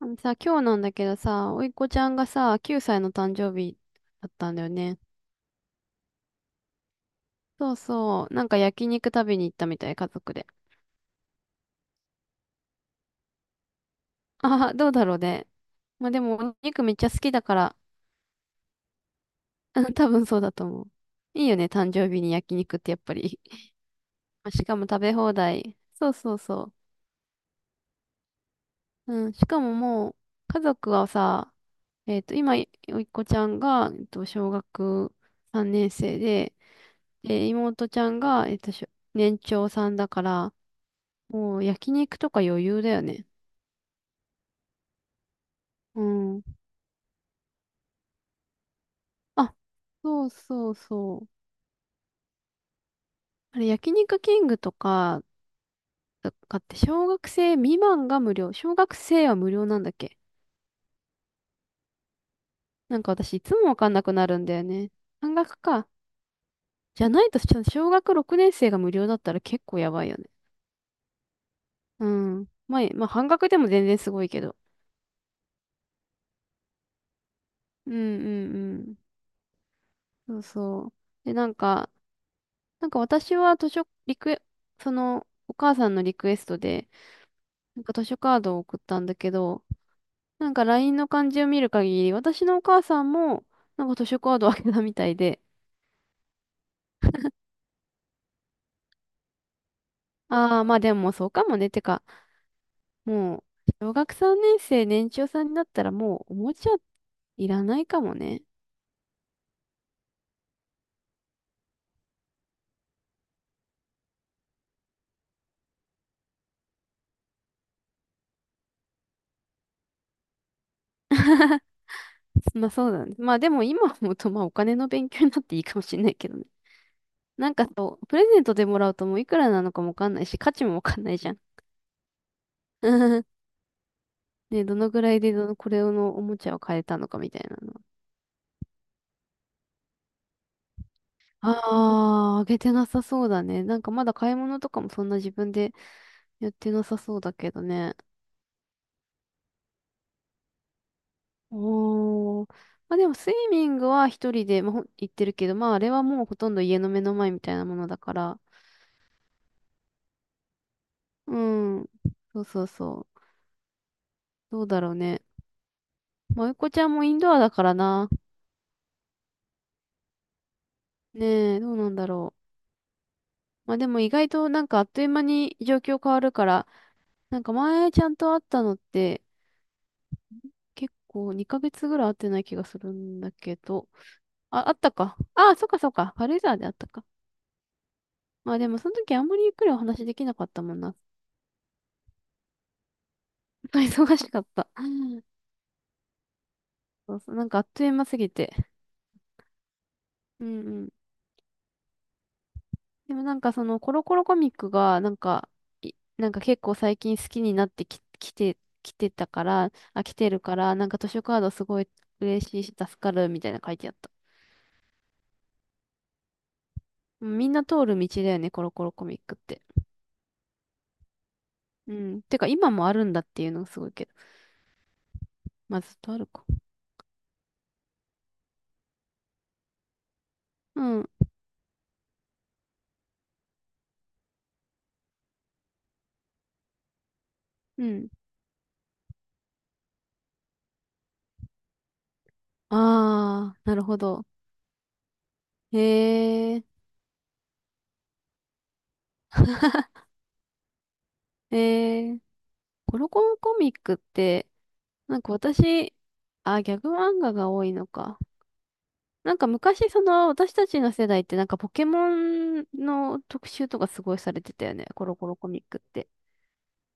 あのさ、今日なんだけどさ、おいっ子ちゃんがさ、9歳の誕生日だったんだよね。そうそう、なんか焼肉食べに行ったみたい、家族で。ああ、どうだろうね。まあでも、お肉めっちゃ好きだから、うん多分そうだと思う。いいよね、誕生日に焼肉ってやっぱり。まあしかも食べ放題。そうそうそう。うん、しかももう、家族はさ、今、おいっ子ちゃんが、小学3年生で、で、妹ちゃんが、年長さんだから、もう焼肉とか余裕だよね。うん。あ、そうそうそう。あれ、焼肉キングとかって小学生未満が無料。小学生は無料なんだっけ。なんか私いつもわかんなくなるんだよね。半額か。じゃないと、小学6年生が無料だったら結構やばいよね。うん。まあ、半額でも全然すごいけど。うんうんうん。そうそう。で、なんか私は図書、リクエ、その、お母さんのリクエストで、なんか図書カードを送ったんだけど、なんかラインの感じを見る限り、私のお母さんも、なんか図書カードをあけたみたいで、ああ、まあでもそうかもね。てか、もう、小学3年生、年長さんになったらもう、おもちゃいらないかもね。まあそうだね。まあでも今思うと、まあお金の勉強になっていいかもしれないけどね。なんかそう、プレゼントでもらうともういくらなのかもわかんないし、価値もわかんないじゃん。ね、どのぐらいでどの、これのおもちゃを買えたのかみたいなの。ああ、あげてなさそうだね。なんかまだ買い物とかもそんな自分でやってなさそうだけどね。おー。まあでもスイミングは一人で、まあ、行ってるけど、まああれはもうほとんど家の目の前みたいなものだから。うん。そうそうそう。どうだろうね。まあ、おいこちゃんもインドアだからな。ねえ、どうなんだろう。まあでも意外となんかあっという間に状況変わるから、なんか前ちゃんと会ったのって結構2ヶ月ぐらい会ってない気がするんだけど。あ、あったか。ああ、そっかそっか。軽井沢であったか。まあでもその時あんまりゆっくりお話できなかったもんな。忙しかった。そうそう、なんかあっという間すぎて。うんうん。でもなんかそのコロコロコミックが、なんか、いなんか結構最近好きになってき、きて、きてたから、あ、来てるから、なんか図書カードすごい嬉しいし助かるみたいな書いてあった。うんみんな通る道だよね、コロコロコミックって。うん。てか今もあるんだっていうのがすごいけど。まあずっとあるか。うん。うん。ああ、なるほど。へえ、へえ、コロコロコミックって、なんか私、あ、ギャグ漫画が多いのか。なんか昔、その、私たちの世代って、なんかポケモンの特集とかすごいされてたよね。コロコロコミックって。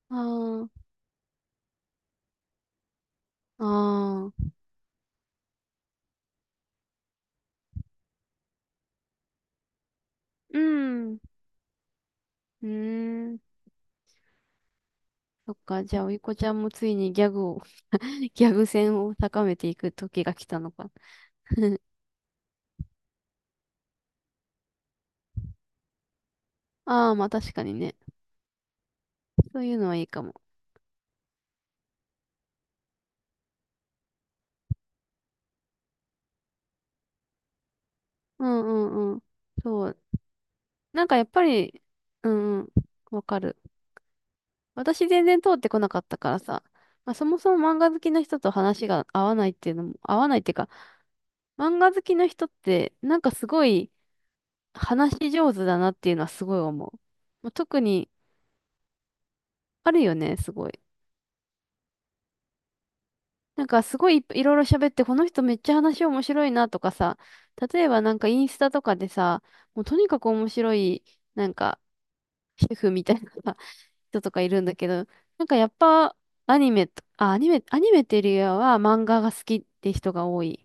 ああ、ああ、うん、うーん。そっか、じゃあ、おいこちゃんもついにギャグを ギャグ戦を高めていく時が来たのか。ああ、まあ確かにね。そういうのはいいかも。うんうんうん。そう。なんかやっぱり、うんうん、わかる。私全然通ってこなかったからさ、まあ、そもそも漫画好きな人と話が合わないっていうのも、合わないっていうか、漫画好きな人ってなんかすごい話し上手だなっていうのはすごい思う。まあ、特にあるよね、すごい。なんかすごいいろいろ喋って、この人めっちゃ話面白いなとかさ、例えばなんかインスタとかでさ、もうとにかく面白い、なんか主婦みたいな 人とかいるんだけど、なんかやっぱアニメと、あ、アニメ、アニメっていうよりは漫画が好きって人が多い。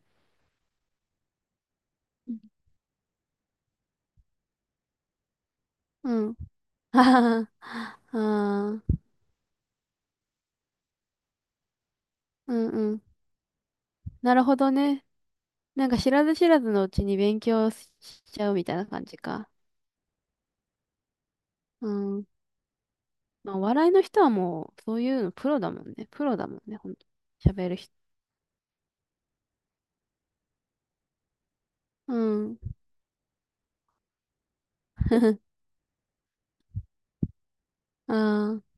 うん。ああ、うんうん。なるほどね。なんか知らず知らずのうちに勉強しちゃうみたいな感じか。うん。まあ、お笑いの人はもう、そういうのプロだもんね。プロだもんね、ほんと。喋る人。うん。ああ。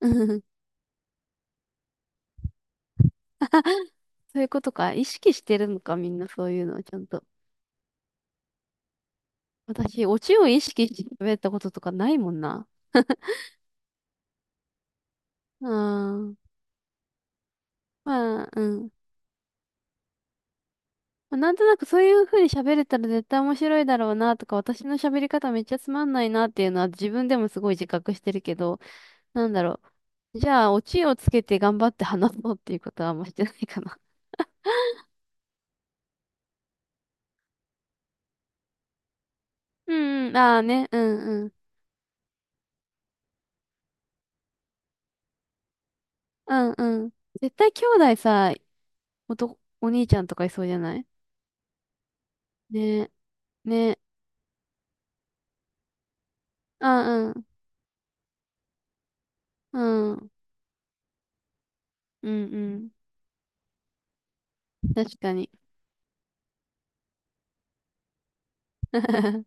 そういうことか。意識してるのか、みんなそういうのをちゃんと。私、オチを意識して喋ったこととかないもんな。うーん。まあ、うん。まあなんとなくそういう風に喋れたら絶対面白いだろうなとか、私の喋り方めっちゃつまんないなっていうのは自分でもすごい自覚してるけど、なんだろう。じゃあ、オチをつけて頑張って話そうっていうことはあんましてないかな。うんうん、ああね、うんうん。うんうん。絶対兄弟さ、お兄ちゃんとかいそうじゃないね、ね、あ、うん、うん、うんうん。確かに。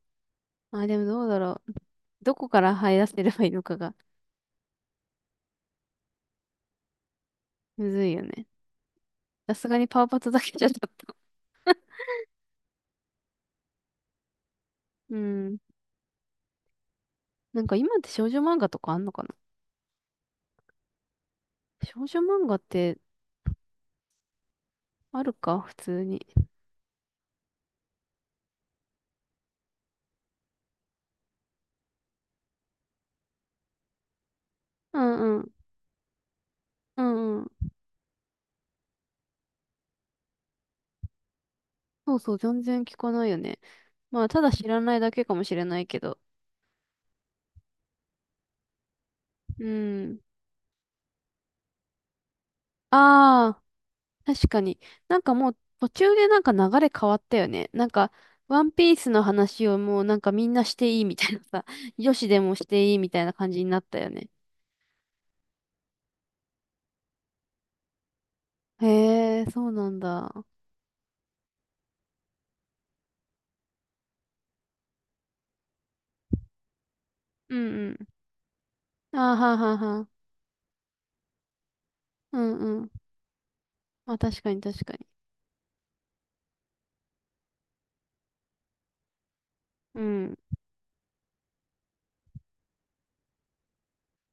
あ、でもどうだろう。どこから這い出せればいいのかが、むずいよね。さすがにパワーパッドだけじゃちょっと。うん。なんか今って少女漫画とかあんのかな。少女漫画ってあるか普通に。うんうん。うんうん。そうそう、全然聞かないよね。まあ、ただ知らないだけかもしれないけど。うん。ああ、確かに。なんかもう途中でなんか流れ変わったよね。なんか、ワンピースの話をもうなんかみんなしていいみたいなさ、女子でもしていいみたいな感じになったよね。へえ、そうなんだ。うんうん。あーはんはんはん。うんうん。まあ確かに確かに。うん。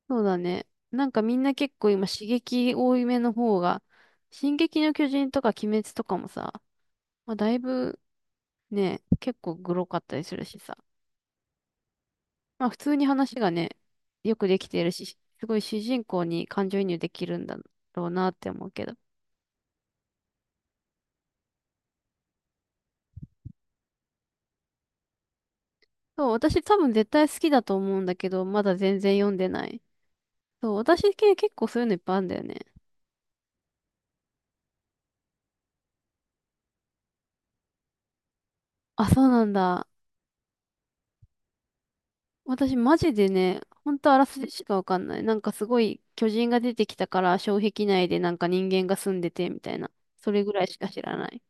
そうだね。なんかみんな結構今刺激多いめの方が、進撃の巨人とか鬼滅とかもさ、まあだいぶね、結構グロかったりするしさ。まあ普通に話がね、よくできてるし、すごい主人公に感情移入できるんだろうなって思うけど。そう、私多分絶対好きだと思うんだけど、まだ全然読んでない。そう、私系結構そういうのいっぱいあるんだよね。あ、そうなんだ。私マジでね、ほんとあらすじしかわかんない。なんかすごい巨人が出てきたから障壁内でなんか人間が住んでてみたいな。それぐらいしか知らない。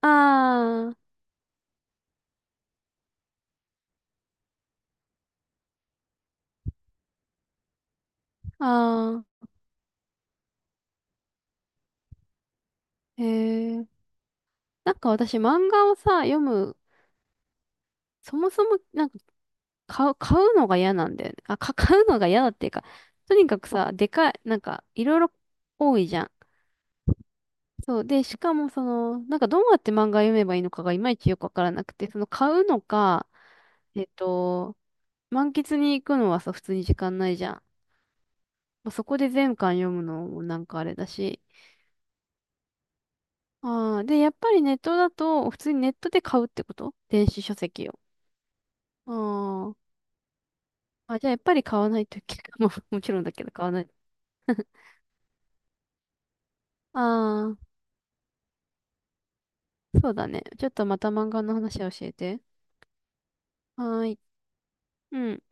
あー、あー、へー。なんか私漫画をさ、読む、そもそもなんか買う、買うのが嫌なんだよね。買うのが嫌だっていうか、とにかくさ、でかい、なんかいろいろ多いじゃん。そう。で、しかもその、なんかどうやって漫画読めばいいのかがいまいちよくわからなくて、その買うのか、えっと、満喫に行くのはさ、普通に時間ないじゃん。まあ、そこで全巻読むのもなんかあれだし。ああ、で、やっぱりネットだと、普通にネットで買うってこと電子書籍を。あーじゃあやっぱり買わないといけない。もうもちろんだけど買わない。ああ、そうだね。ちょっとまた漫画の話を教えて。はーい。うん。